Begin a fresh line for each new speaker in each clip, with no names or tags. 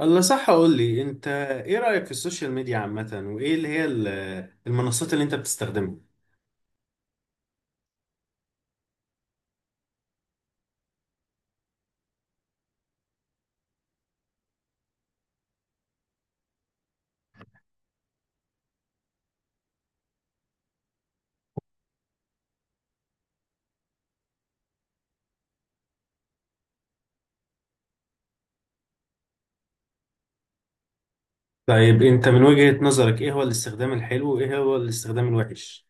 الله، صح، اقول لي انت. ايه رأيك في السوشيال ميديا عامة وايه اللي هي المنصات اللي انت بتستخدمها؟ طيب انت من وجهة نظرك ايه هو الاستخدام الحلو وايه هو الاستخدام الوحش؟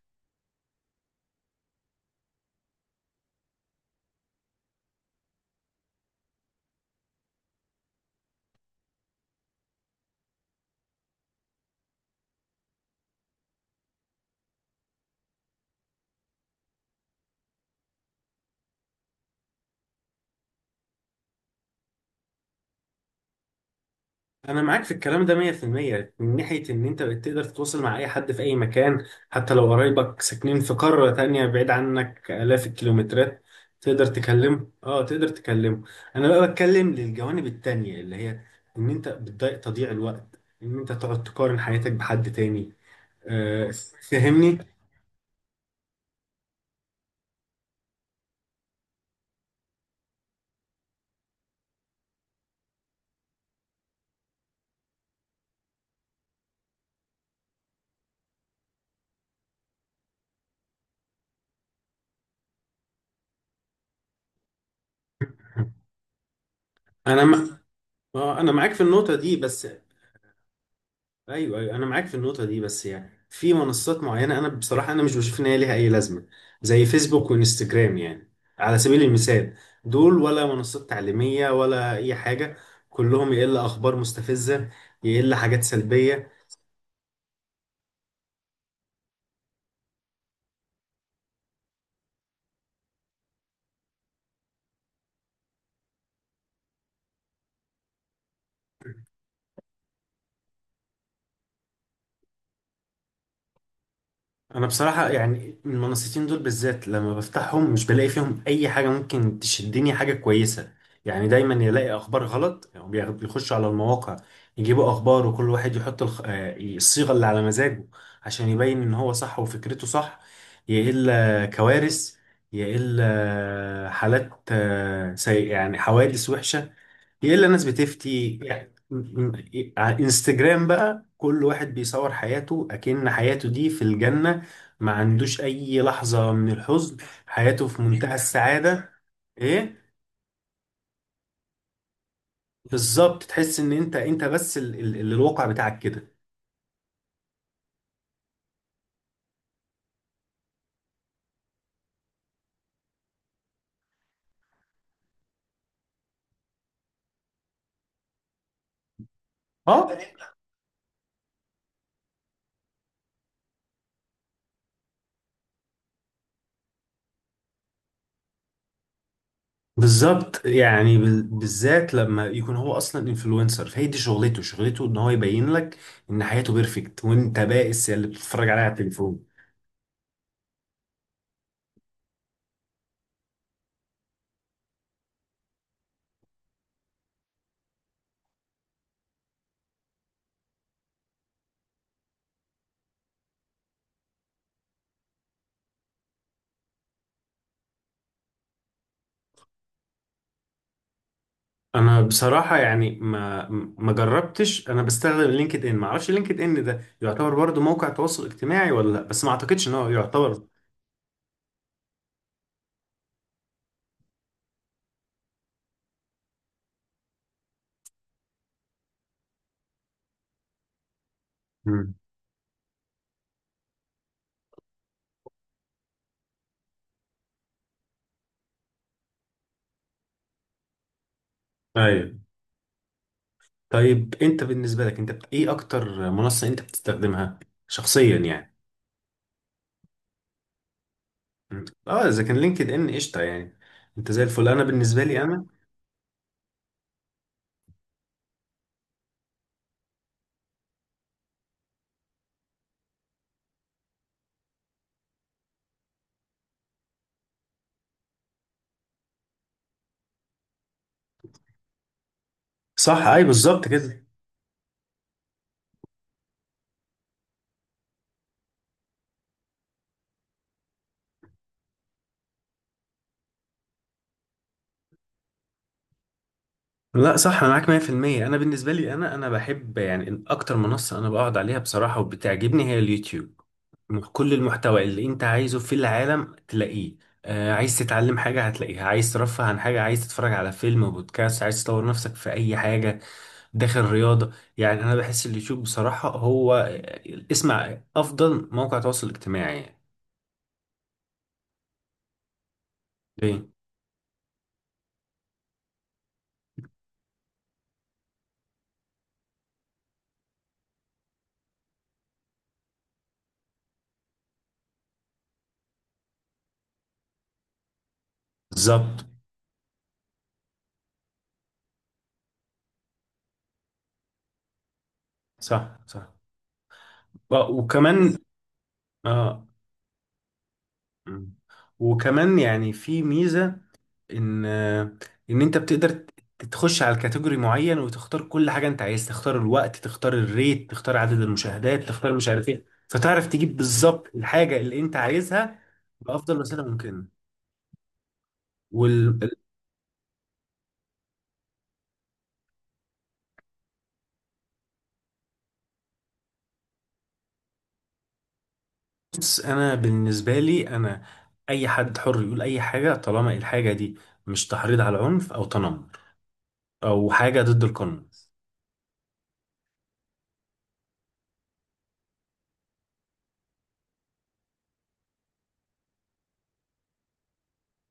انا معاك في الكلام ده 100% من ناحية ان انت بقيت تقدر تتواصل مع اي حد في اي مكان، حتى لو قرايبك ساكنين في قارة تانية بعيد عنك آلاف الكيلومترات. تقدر تكلمه، تقدر تكلمه. انا بقى بتكلم للجوانب التانية اللي هي ان انت بتضيع تضييع الوقت ان انت تقعد تقارن حياتك بحد تاني. آه، فهمني. انا م... آه، انا معاك في النقطه دي، بس ايوه، ايوه، انا معاك في النقطه دي بس يعني في منصات معينه، انا بصراحه انا مش بشوف ان هي ليها اي لازمه، زي فيسبوك وانستجرام يعني، على سبيل المثال. دول ولا منصات تعليميه ولا اي حاجه، كلهم يقل اخبار مستفزه، يقل حاجات سلبيه. انا بصراحة يعني المنصتين دول بالذات لما بفتحهم مش بلاقي فيهم اي حاجة ممكن تشدني، حاجة كويسة. يعني دايما يلاقي اخبار غلط، يعني بيخشوا على المواقع، يجيبوا اخبار وكل واحد يحط الخ... آه، الصيغة اللي على مزاجه عشان يبين ان هو صح وفكرته صح. يا الا كوارث، يا الا حالات سيئة، يعني حوادث وحشة. يلا الناس بتفتي، يعني على انستجرام بقى كل واحد بيصور حياته أكن حياته دي في الجنة، ما عندوش أي لحظة من الحزن، حياته في منتهى السعادة. إيه. بالظبط، تحس إن أنت بس اللي الواقع بتاعك كده. أه، بالظبط. يعني بالذات لما يكون هو اصلا انفلونسر، فهي دي شغلته ان هو يبين لك ان حياته بيرفكت وانت بائس، يا اللي بتتفرج عليها على التليفون. انا بصراحه يعني ما جربتش. انا بستخدم لينكد ان، ما اعرفش لينكد ان ده يعتبر برضو موقع تواصل اجتماعي ولا لا، بس ما اعتقدش ان هو يعتبر. امم ايوه. طيب انت بالنسبه لك، انت ايه اكتر منصه انت بتستخدمها شخصيا يعني؟ مم. اه اذا كان لينكد ان قشطه يعني، انت زي الفل. انا بالنسبه لي انا صح، اي، بالظبط كده. لا، صح، انا معاك 100%. انا بالنسبه لي انا بحب يعني اكتر منصه انا بقعد عليها بصراحه وبتعجبني، هي اليوتيوب. كل المحتوى اللي انت عايزه في العالم تلاقيه. عايز تتعلم حاجة هتلاقيها، عايز ترفه عن حاجة، عايز تتفرج على فيلم، بودكاست، عايز تطور نفسك في أي حاجة، داخل رياضة. يعني أنا بحس اليوتيوب بصراحة هو اسمع أفضل موقع تواصل اجتماعي يعني. ليه؟ بالظبط. صح، صح. وكمان. اه م. وكمان يعني في ميزة ان ان انت بتقدر تخش على الكاتيجوري معين وتختار كل حاجه انت عايز، تختار الوقت، تختار الريت، تختار عدد المشاهدات، تختار مش عارف ايه، فتعرف تجيب بالظبط الحاجه اللي انت عايزها بافضل وسيله ممكنه. وال بص، انا بالنسبه لي انا، اي حد حر يقول اي حاجه طالما الحاجه دي مش تحريض على عنف او تنمر او حاجه ضد القانون.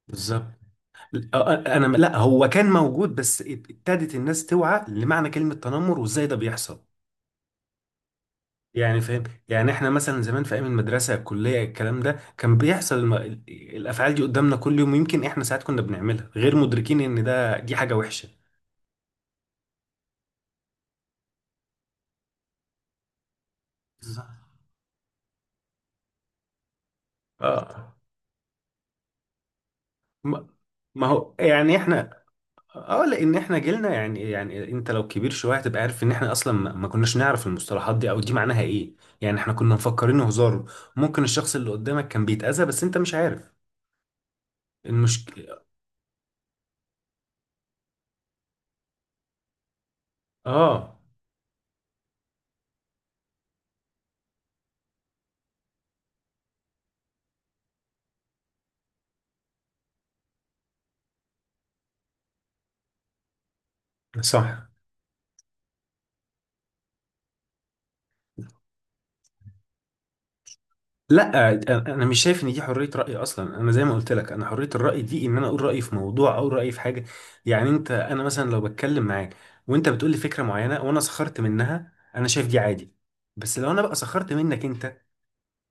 بالظبط. أ- انا، لا هو كان موجود، بس ابتدت الناس توعى لمعنى كلمه تنمر وازاي ده بيحصل. يعني فاهم. يعني احنا مثلا زمان في ايام المدرسه، الكليه، الكلام ده كان بيحصل. الافعال دي قدامنا كل يوم، ويمكن احنا ساعات كنا بنعملها غير مدركين ان دي حاجه وحشه. بالظبط. اه ما ما هو يعني احنا. اه لان احنا جيلنا يعني، انت لو كبير شويه هتبقى عارف ان احنا اصلا ما كناش نعرف المصطلحات دي او دي معناها ايه. يعني احنا كنا مفكرين هزار. ممكن الشخص اللي قدامك كان بيتأذى بس انت مش عارف المشكله. اه صح. لا، انا مش شايف ان دي حريه راي اصلا. انا زي ما قلت لك، انا حريه الراي دي ان انا اقول رايي في موضوع او رايي في حاجه. يعني انت، انا مثلا لو بتكلم معاك وانت بتقول لي فكره معينه وانا سخرت منها، انا شايف دي عادي. بس لو انا بقى سخرت منك انت،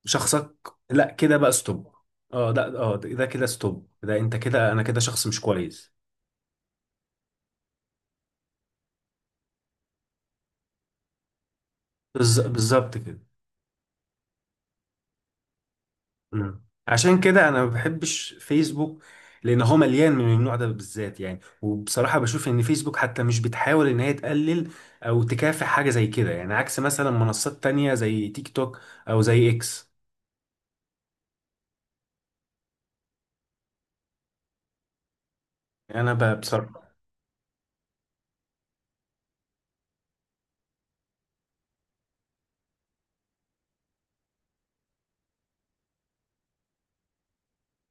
شخصك، لا كده بقى ستوب. اه ده، ده كده ستوب. ده انت كده، انا كده شخص مش كويس. بالظبط كده. عشان كده انا ما بحبش فيسبوك، لان هو مليان من النوع ده بالذات يعني. وبصراحه بشوف ان فيسبوك حتى مش بتحاول ان هي تقلل او تكافح حاجه زي كده، يعني عكس مثلا منصات تانية زي تيك توك او زي اكس. يعني انا بصراحه.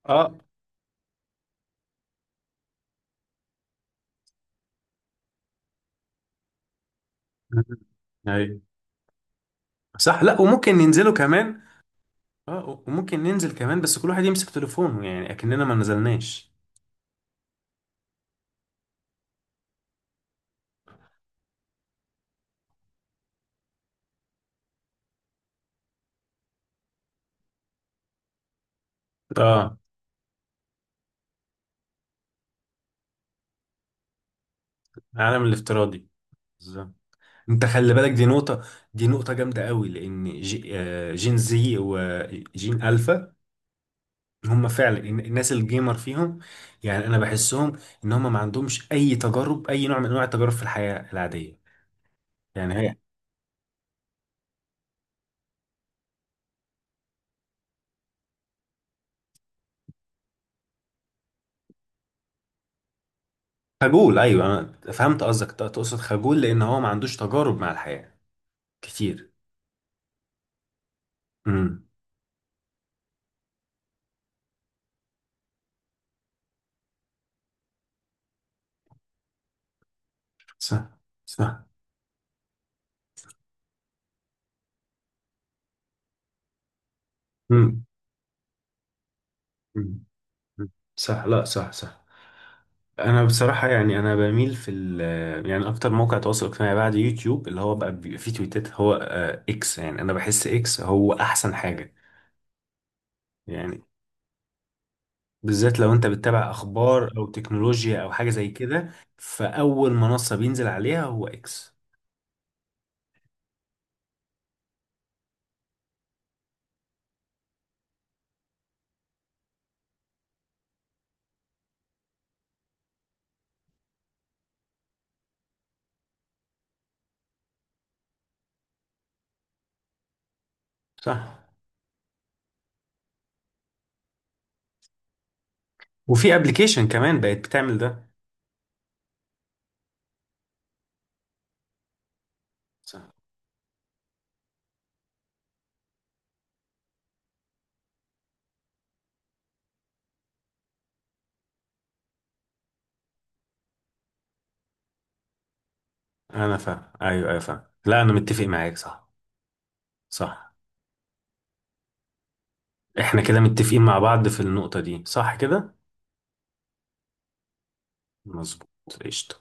اه مم. ايوه، صح. لا، وممكن ننزله كمان. اه، وممكن ننزل كمان بس كل واحد يمسك تليفونه يعني اكننا ما نزلناش. اه. العالم الافتراضي، بالظبط. انت خلي بالك، دي نقطة. دي نقطة جامدة قوي، لان جي آه، جين زي وجين الفا هم فعلا الناس الجيمر فيهم. يعني انا بحسهم ان هم ما عندهمش اي تجارب، اي نوع من انواع التجارب في الحياة العادية. يعني هي. خجول، ايوه، انا فهمت قصدك. تقصد خجول لان هو ما عندوش تجارب مع الحياة كتير. امم صح، صح. امم امم. صح، لا، صح، صح. انا بصراحه يعني انا بميل في يعني اكتر موقع تواصل اجتماعي بعد يوتيوب اللي هو بقى بيبقى فيه تويتات، هو اكس. يعني انا بحس اكس هو احسن حاجه. يعني بالذات لو انت بتتابع اخبار او تكنولوجيا او حاجه زي كده، فاول منصه بينزل عليها هو اكس. صح. وفي ابلكيشن كمان بقت بتعمل ده. صح، انا فاهم، ايوه، ايوه، فاهم. لا، انا متفق معاك. صح، صح. احنا كده متفقين مع بعض في النقطه دي، صح كده. مظبوط. قشطه.